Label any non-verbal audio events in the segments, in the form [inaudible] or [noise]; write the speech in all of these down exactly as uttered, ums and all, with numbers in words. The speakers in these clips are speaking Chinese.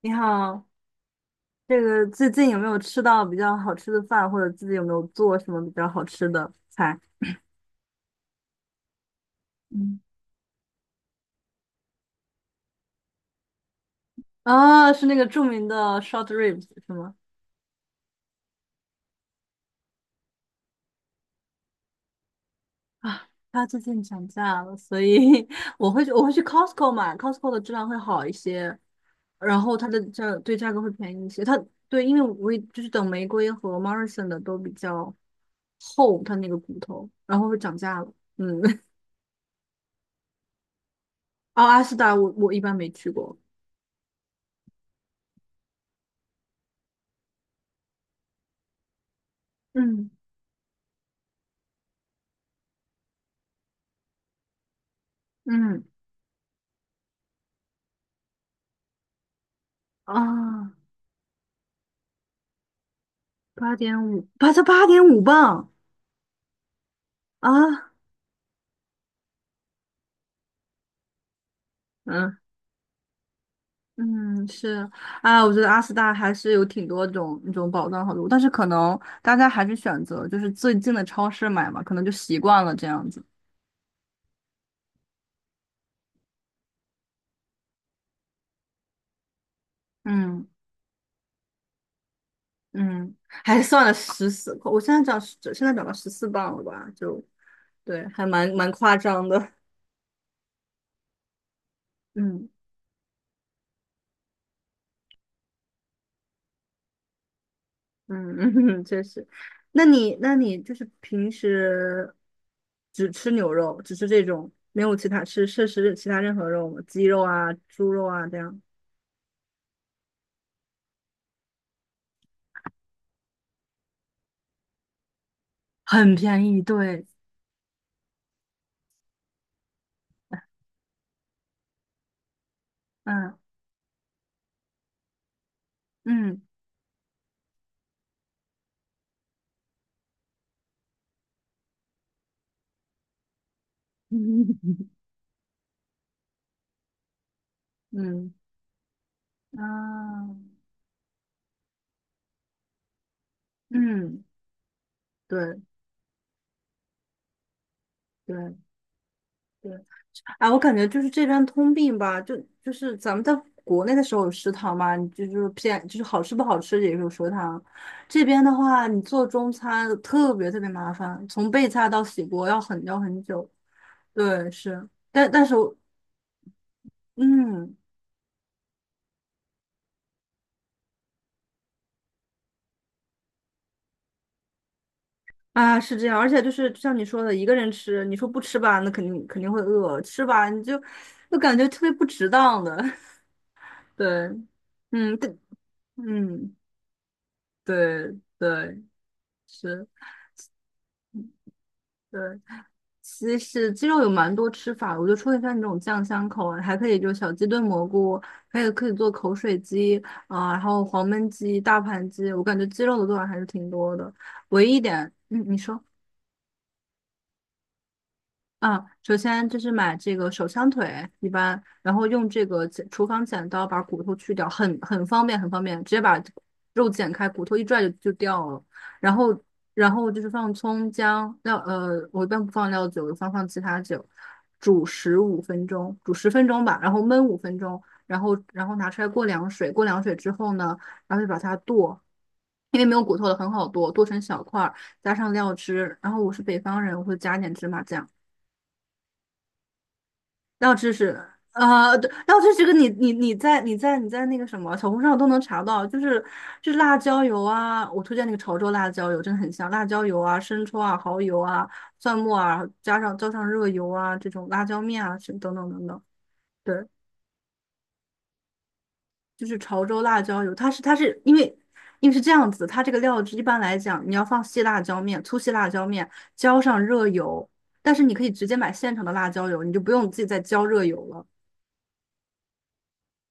你好，这个最近有没有吃到比较好吃的饭，或者自己有没有做什么比较好吃的菜？嗯，啊，是那个著名的 short ribs 是吗？啊，它最近涨价了，所以 [laughs] 我会去我会去 Costco 买，Costco 的质量会好一些，然后它的价对价格会便宜一些。它对，因为我也就是等玫瑰和 Morrison 的都比较厚，它那个骨头，然后会涨价了。嗯，[laughs] 哦，阿斯达我我一般没去过。嗯嗯啊。八点五，八才八点五磅啊！嗯嗯，是啊，我觉得阿斯达还是有挺多种那种宝藏好路，但是可能大家还是选择就是最近的超市买嘛，可能就习惯了这样子。嗯嗯，还算了十四，我现在长现在长到十四磅了吧？就对，还蛮蛮夸张的。嗯。嗯，[laughs] 确实。那你，那你就是平时只吃牛肉，只吃这种，没有其他吃摄食其他任何肉吗？鸡肉啊、猪肉啊这样。很便宜，对，嗯嗯 [laughs] 嗯嗯，嗯，对对对，啊，我感觉就是这边通病吧，就就是咱们在国内的时候有食堂嘛，你就就是偏就是好吃不好吃也有食堂。这边的话，你做中餐特别特别麻烦，从备菜到洗锅要很要很久。对，是，但但是我嗯啊是这样，而且就是就像你说的，一个人吃，你说不吃吧，那肯定肯定会饿；吃吧，你就就感觉特别不值当的。[laughs] 对，嗯，对，嗯，对对是。对。西式鸡肉有蛮多吃法的，我觉得除了像你这种酱香口啊，还可以就是小鸡炖蘑菇，还有可以做口水鸡啊、然后黄焖鸡、大盘鸡，我感觉鸡肉的做法还是挺多的。唯一一点，嗯，你说。啊，首先就是买这个手枪腿，一般，然后用这个剪厨房剪刀把骨头去掉，很很方便，很方便，直接把肉剪开，骨头一拽就就掉了。然后，然后就是放葱姜料，呃，我一般不放料酒，我放放其他酒，煮十五分钟，煮十分钟吧，然后焖五分钟，然后然后拿出来过凉水，过凉水之后呢，然后就把它剁。因为没有骨头的很好剁，剁成小块儿，加上料汁。然后我是北方人，我会加一点芝麻酱。绕知识，呃，对，绕知识这个你你你在你在你在那个什么小红书上都能查到，就是就是辣椒油啊，我推荐那个潮州辣椒油，真的很香，辣椒油啊、生抽啊、蚝油啊、蒜末啊，加上浇上热油啊，这种辣椒面啊，是等等等等，对，就是潮州辣椒油，它是它是因为因为是这样子，它这个料汁一般来讲，你要放细辣椒面、粗细辣椒面，浇上热油，但是你可以直接买现成的辣椒油，你就不用自己再浇热油了，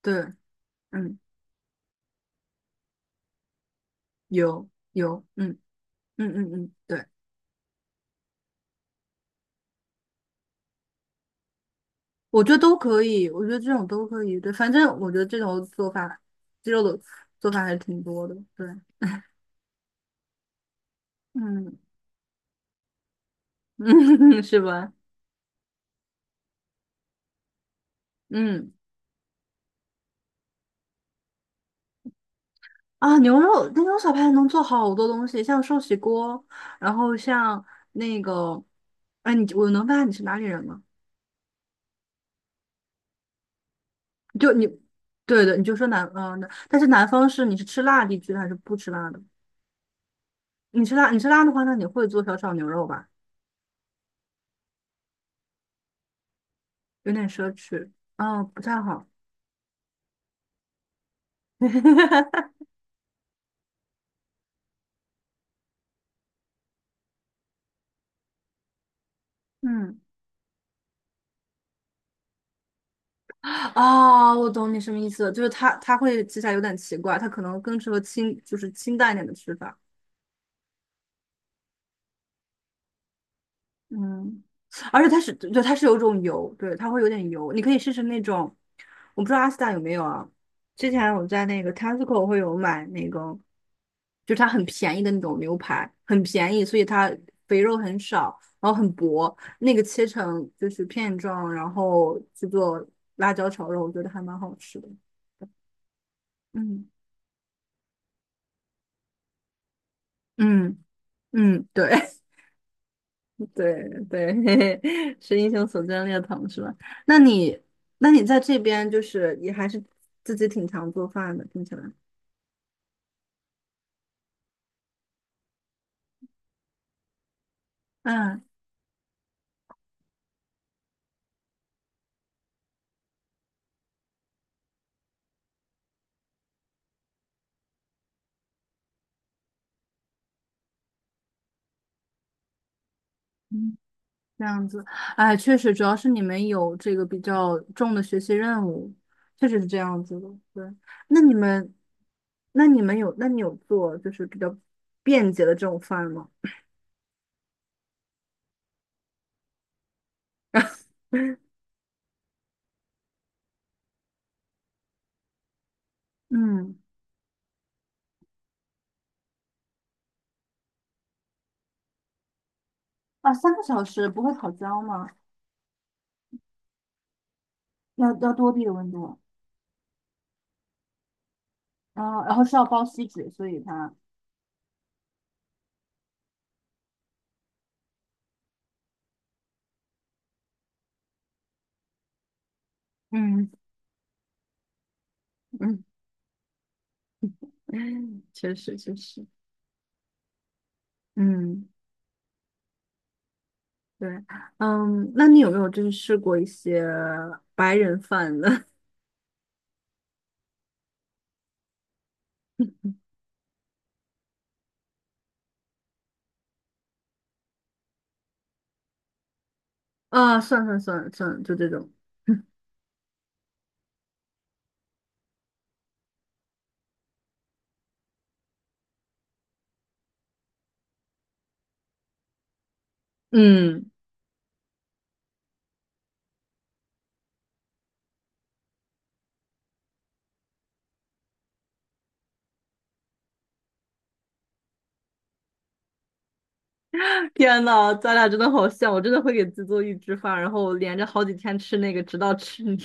对。嗯。有有，嗯嗯嗯嗯，对，我觉得都可以，我觉得这种都可以，对，反正我觉得这种做法，鸡肉的做法还是挺多的，对，嗯嗯，[laughs] 是吧？嗯啊，牛肉那种小排能做好多东西，像寿喜锅，然后像那个，哎，你我能问下你是哪里人吗？就你，对的，你就说南，嗯、呃但是南方是你是吃辣地区的还是不吃辣的？你吃辣，你吃辣的话，那你会做小炒牛肉吧？有点奢侈，啊，不太好。[laughs] 嗯，哦，我懂你什么意思了，就是它它会吃起来有点奇怪，它可能更适合清，就是清淡一点的吃法。嗯，而且它是，对，它是有一种油，对，它会有点油。你可以试试那种，我不知道阿斯达有没有啊。之前我在那个 Tesco 会有买那个，就是它很便宜的那种牛排，很便宜，所以它肥肉很少，然后很薄，那个切成就是片状，然后去做辣椒炒肉，我觉得还蛮好吃的。嗯嗯嗯，对，对对，[laughs] 嘿嘿，是英雄所见略同，是吧？那你，那你在这边就是也还是自己挺常做饭的，听起来。嗯嗯，这样子，哎，确实，主要是你们有这个比较重的学习任务，确实是这样子的。对，那你们，那你们有，那你有做就是比较便捷的这种饭吗？嗯，啊，三个小时不会烤焦吗？要要多低的温度啊？然后是要包锡纸，所以它，嗯嗯。[laughs] 嗯，确实确实，嗯，对，嗯，那你有没有就是试过一些白人饭的？[laughs] 啊，算算算算，就这种。[laughs] 嗯，天呐，咱俩真的好像，我真的会给自己做预制饭，然后连着好几天吃那个，直到吃腻。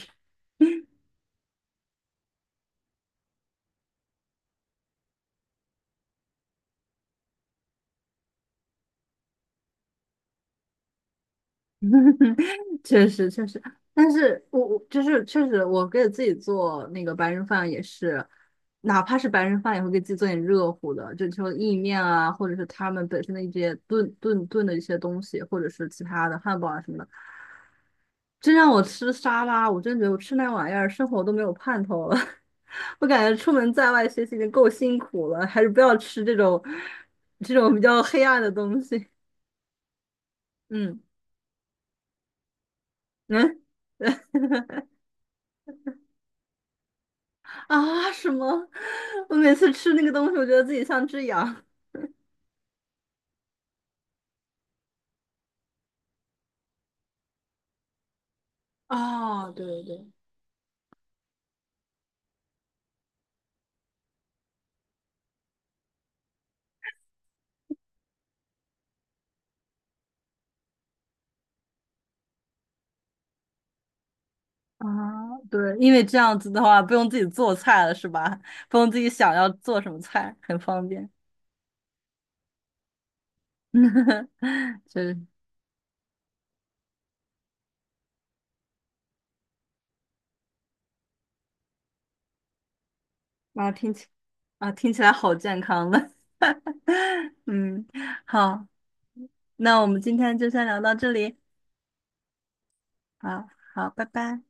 [laughs] 确实确实，但是我我就是确实，我给自己做那个白人饭也是，哪怕是白人饭也会给自己做点热乎的，就就意面啊，或者是他们本身的一些炖炖炖的一些东西，或者是其他的汉堡啊什么的。真让我吃沙拉，我真觉得我吃那玩意儿，生活都没有盼头了。[laughs] 我感觉出门在外学习已经够辛苦了，还是不要吃这种这种比较黑暗的东西。嗯嗯，[laughs] [laughs] 啊，什么？我每次吃那个东西，我觉得自己像只羊。[laughs] 啊，对对对，啊，对，因为这样子的话，不用自己做菜了，是吧？不用自己想要做什么菜，很方便。[laughs] 就是啊，听起啊，听起来好健康的。[laughs] 嗯，好，那我们今天就先聊到这里。好，好，拜拜。